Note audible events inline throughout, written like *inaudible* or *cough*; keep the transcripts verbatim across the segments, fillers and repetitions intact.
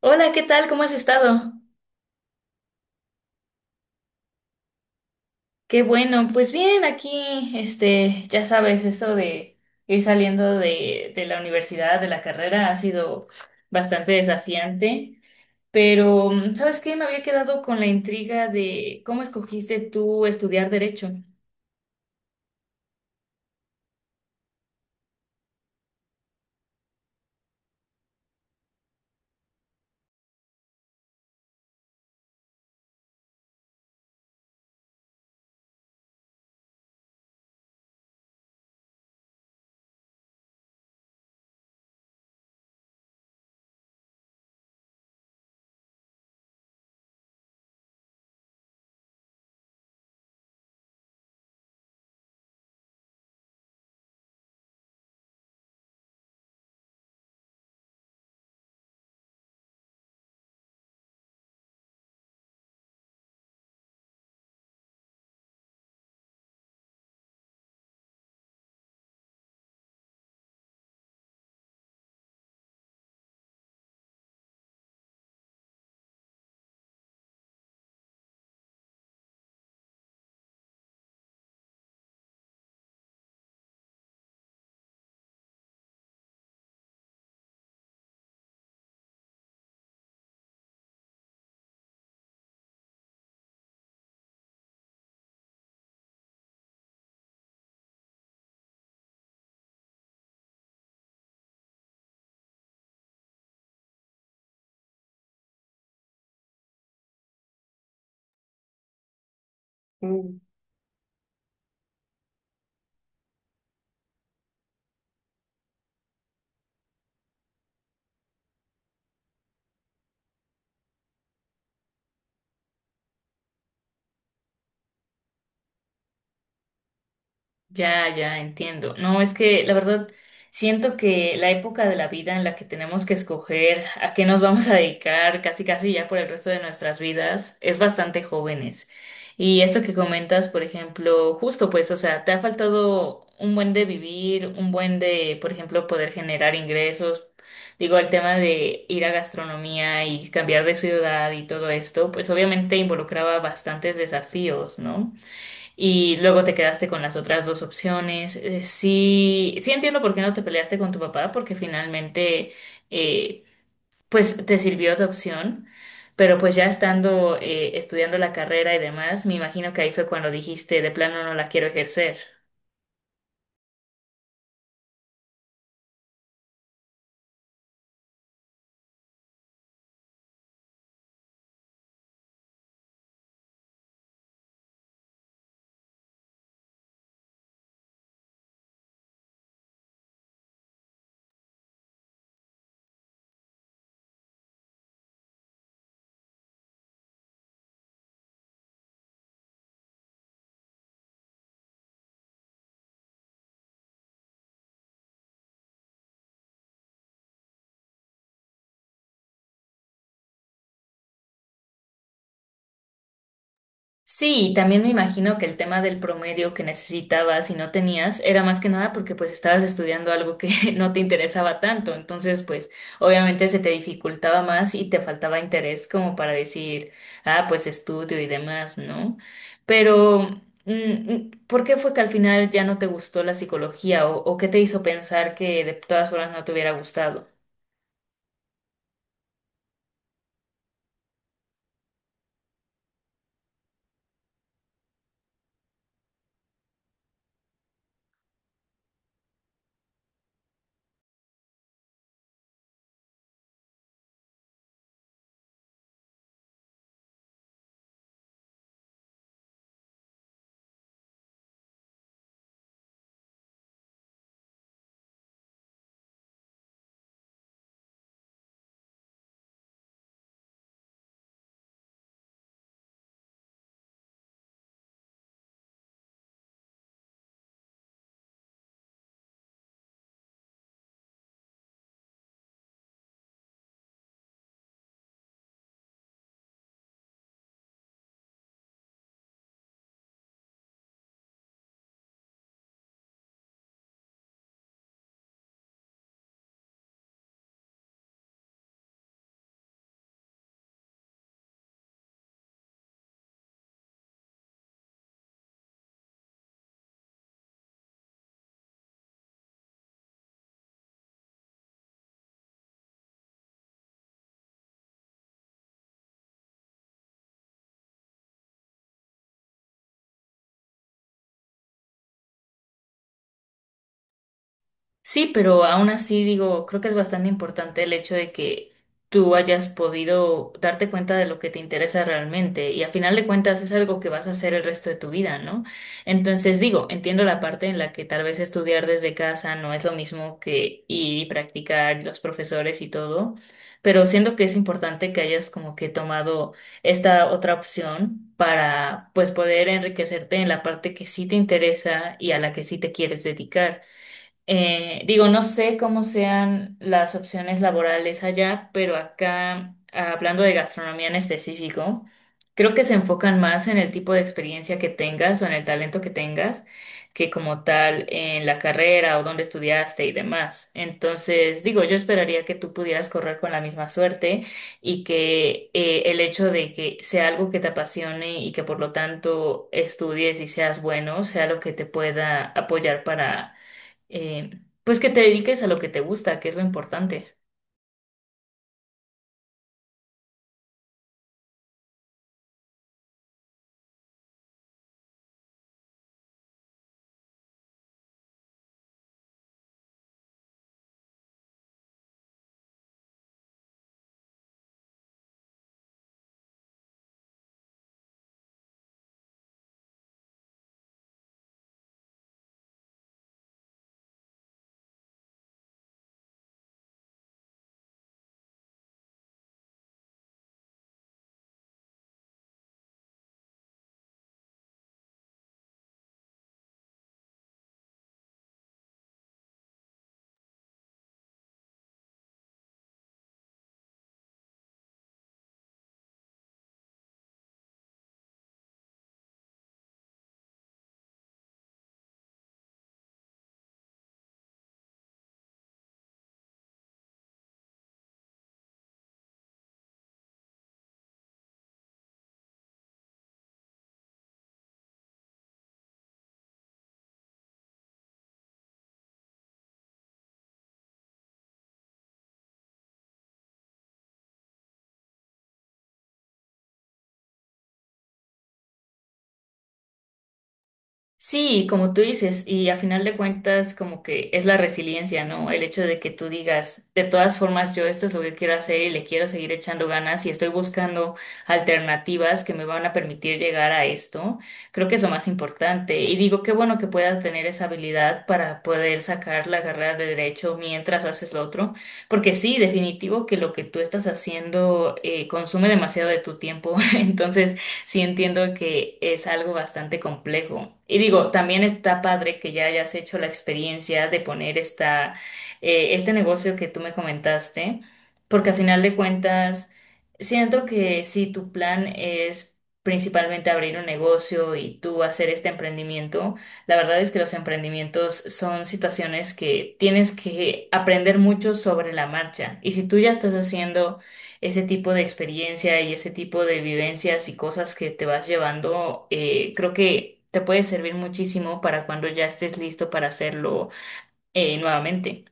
Hola, ¿qué tal? ¿Cómo has estado? Qué bueno, pues bien, aquí, este, ya sabes, eso de ir saliendo de, de la universidad, de la carrera, ha sido bastante desafiante, pero mm, ¿sabes qué? Me había quedado con la intriga de cómo escogiste tú estudiar derecho. Ya, ya, entiendo. No, es que la verdad siento que la época de la vida en la que tenemos que escoger a qué nos vamos a dedicar casi casi ya por el resto de nuestras vidas es bastante jóvenes. Y esto que comentas, por ejemplo, justo pues, o sea, te ha faltado un buen de vivir, un buen de, por ejemplo, poder generar ingresos. Digo, el tema de ir a gastronomía y cambiar de ciudad y todo esto, pues obviamente involucraba bastantes desafíos, ¿no? Y luego te quedaste con las otras dos opciones. Eh, sí, sí entiendo por qué no te peleaste con tu papá, porque finalmente, eh, pues te sirvió tu opción. Pero pues ya estando eh, estudiando la carrera y demás, me imagino que ahí fue cuando dijiste, de plano no la quiero ejercer. Sí, y también me imagino que el tema del promedio que necesitabas y no tenías era más que nada porque pues estabas estudiando algo que *laughs* no te interesaba tanto, entonces pues obviamente se te dificultaba más y te faltaba interés como para decir, ah, pues estudio y demás, ¿no? Pero, mm, mm, ¿por qué fue que al final ya no te gustó la psicología o, o qué te hizo pensar que de todas formas no te hubiera gustado? Sí, pero aún así digo, creo que es bastante importante el hecho de que tú hayas podido darte cuenta de lo que te interesa realmente y a final de cuentas es algo que vas a hacer el resto de tu vida, ¿no? Entonces digo, entiendo la parte en la que tal vez estudiar desde casa no es lo mismo que ir y practicar y los profesores y todo, pero siento que es importante que hayas como que tomado esta otra opción para pues poder enriquecerte en la parte que sí te interesa y a la que sí te quieres dedicar. Eh, digo, no sé cómo sean las opciones laborales allá, pero acá, hablando de gastronomía en específico, creo que se enfocan más en el tipo de experiencia que tengas o en el talento que tengas, que como tal en la carrera o donde estudiaste y demás. Entonces, digo, yo esperaría que tú pudieras correr con la misma suerte y que eh, el hecho de que sea algo que te apasione y que por lo tanto estudies y seas bueno, sea lo que te pueda apoyar para eh, pues que te dediques a lo que te gusta, que es lo importante. Sí, como tú dices, y a final de cuentas como que es la resiliencia, ¿no? El hecho de que tú digas, de todas formas, yo esto es lo que quiero hacer y le quiero seguir echando ganas y estoy buscando alternativas que me van a permitir llegar a esto, creo que es lo más importante. Y digo, qué bueno que puedas tener esa habilidad para poder sacar la carrera de derecho mientras haces lo otro, porque sí, definitivo que lo que tú estás haciendo eh, consume demasiado de tu tiempo, *laughs* entonces sí entiendo que es algo bastante complejo. Y digo, también está padre que ya hayas hecho la experiencia de poner esta, eh, este negocio que tú me comentaste, porque a final de cuentas, siento que si tu plan es principalmente abrir un negocio y tú hacer este emprendimiento, la verdad es que los emprendimientos son situaciones que tienes que aprender mucho sobre la marcha. Y si tú ya estás haciendo ese tipo de experiencia y ese tipo de vivencias y cosas que te vas llevando, eh, creo que te puede servir muchísimo para cuando ya estés listo para hacerlo eh, nuevamente.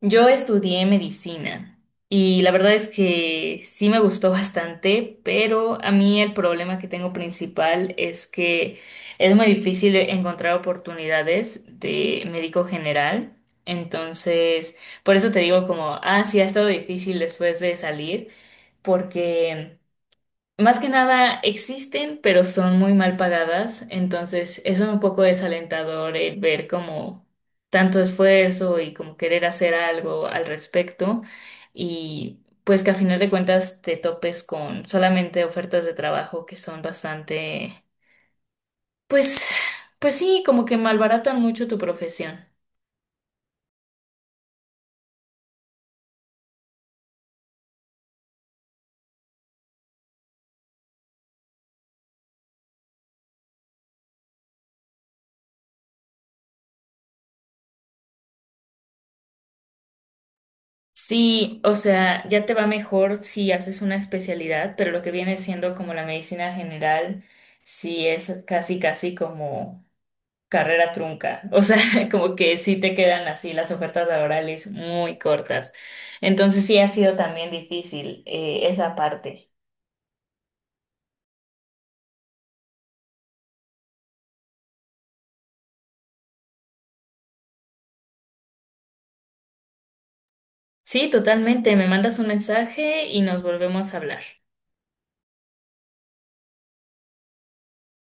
Yo estudié medicina y la verdad es que sí me gustó *laughs* bastante, pero a mí el problema que tengo principal es que es muy difícil encontrar oportunidades de médico general. Entonces, por eso te digo como, ah, sí, ha estado difícil después de salir, porque más que nada existen, pero son muy mal pagadas, entonces eso es un poco desalentador el ver como tanto esfuerzo y como querer hacer algo al respecto y pues que a final de cuentas te topes con solamente ofertas de trabajo que son bastante, pues, pues sí, como que malbaratan mucho tu profesión. Sí, o sea, ya te va mejor si haces una especialidad, pero lo que viene siendo como la medicina general, sí es casi, casi como carrera trunca. O sea, *laughs* como que sí te quedan así las ofertas laborales muy cortas. Entonces sí ha sido también difícil eh, esa parte. Sí, totalmente. Me mandas un mensaje y nos volvemos a hablar.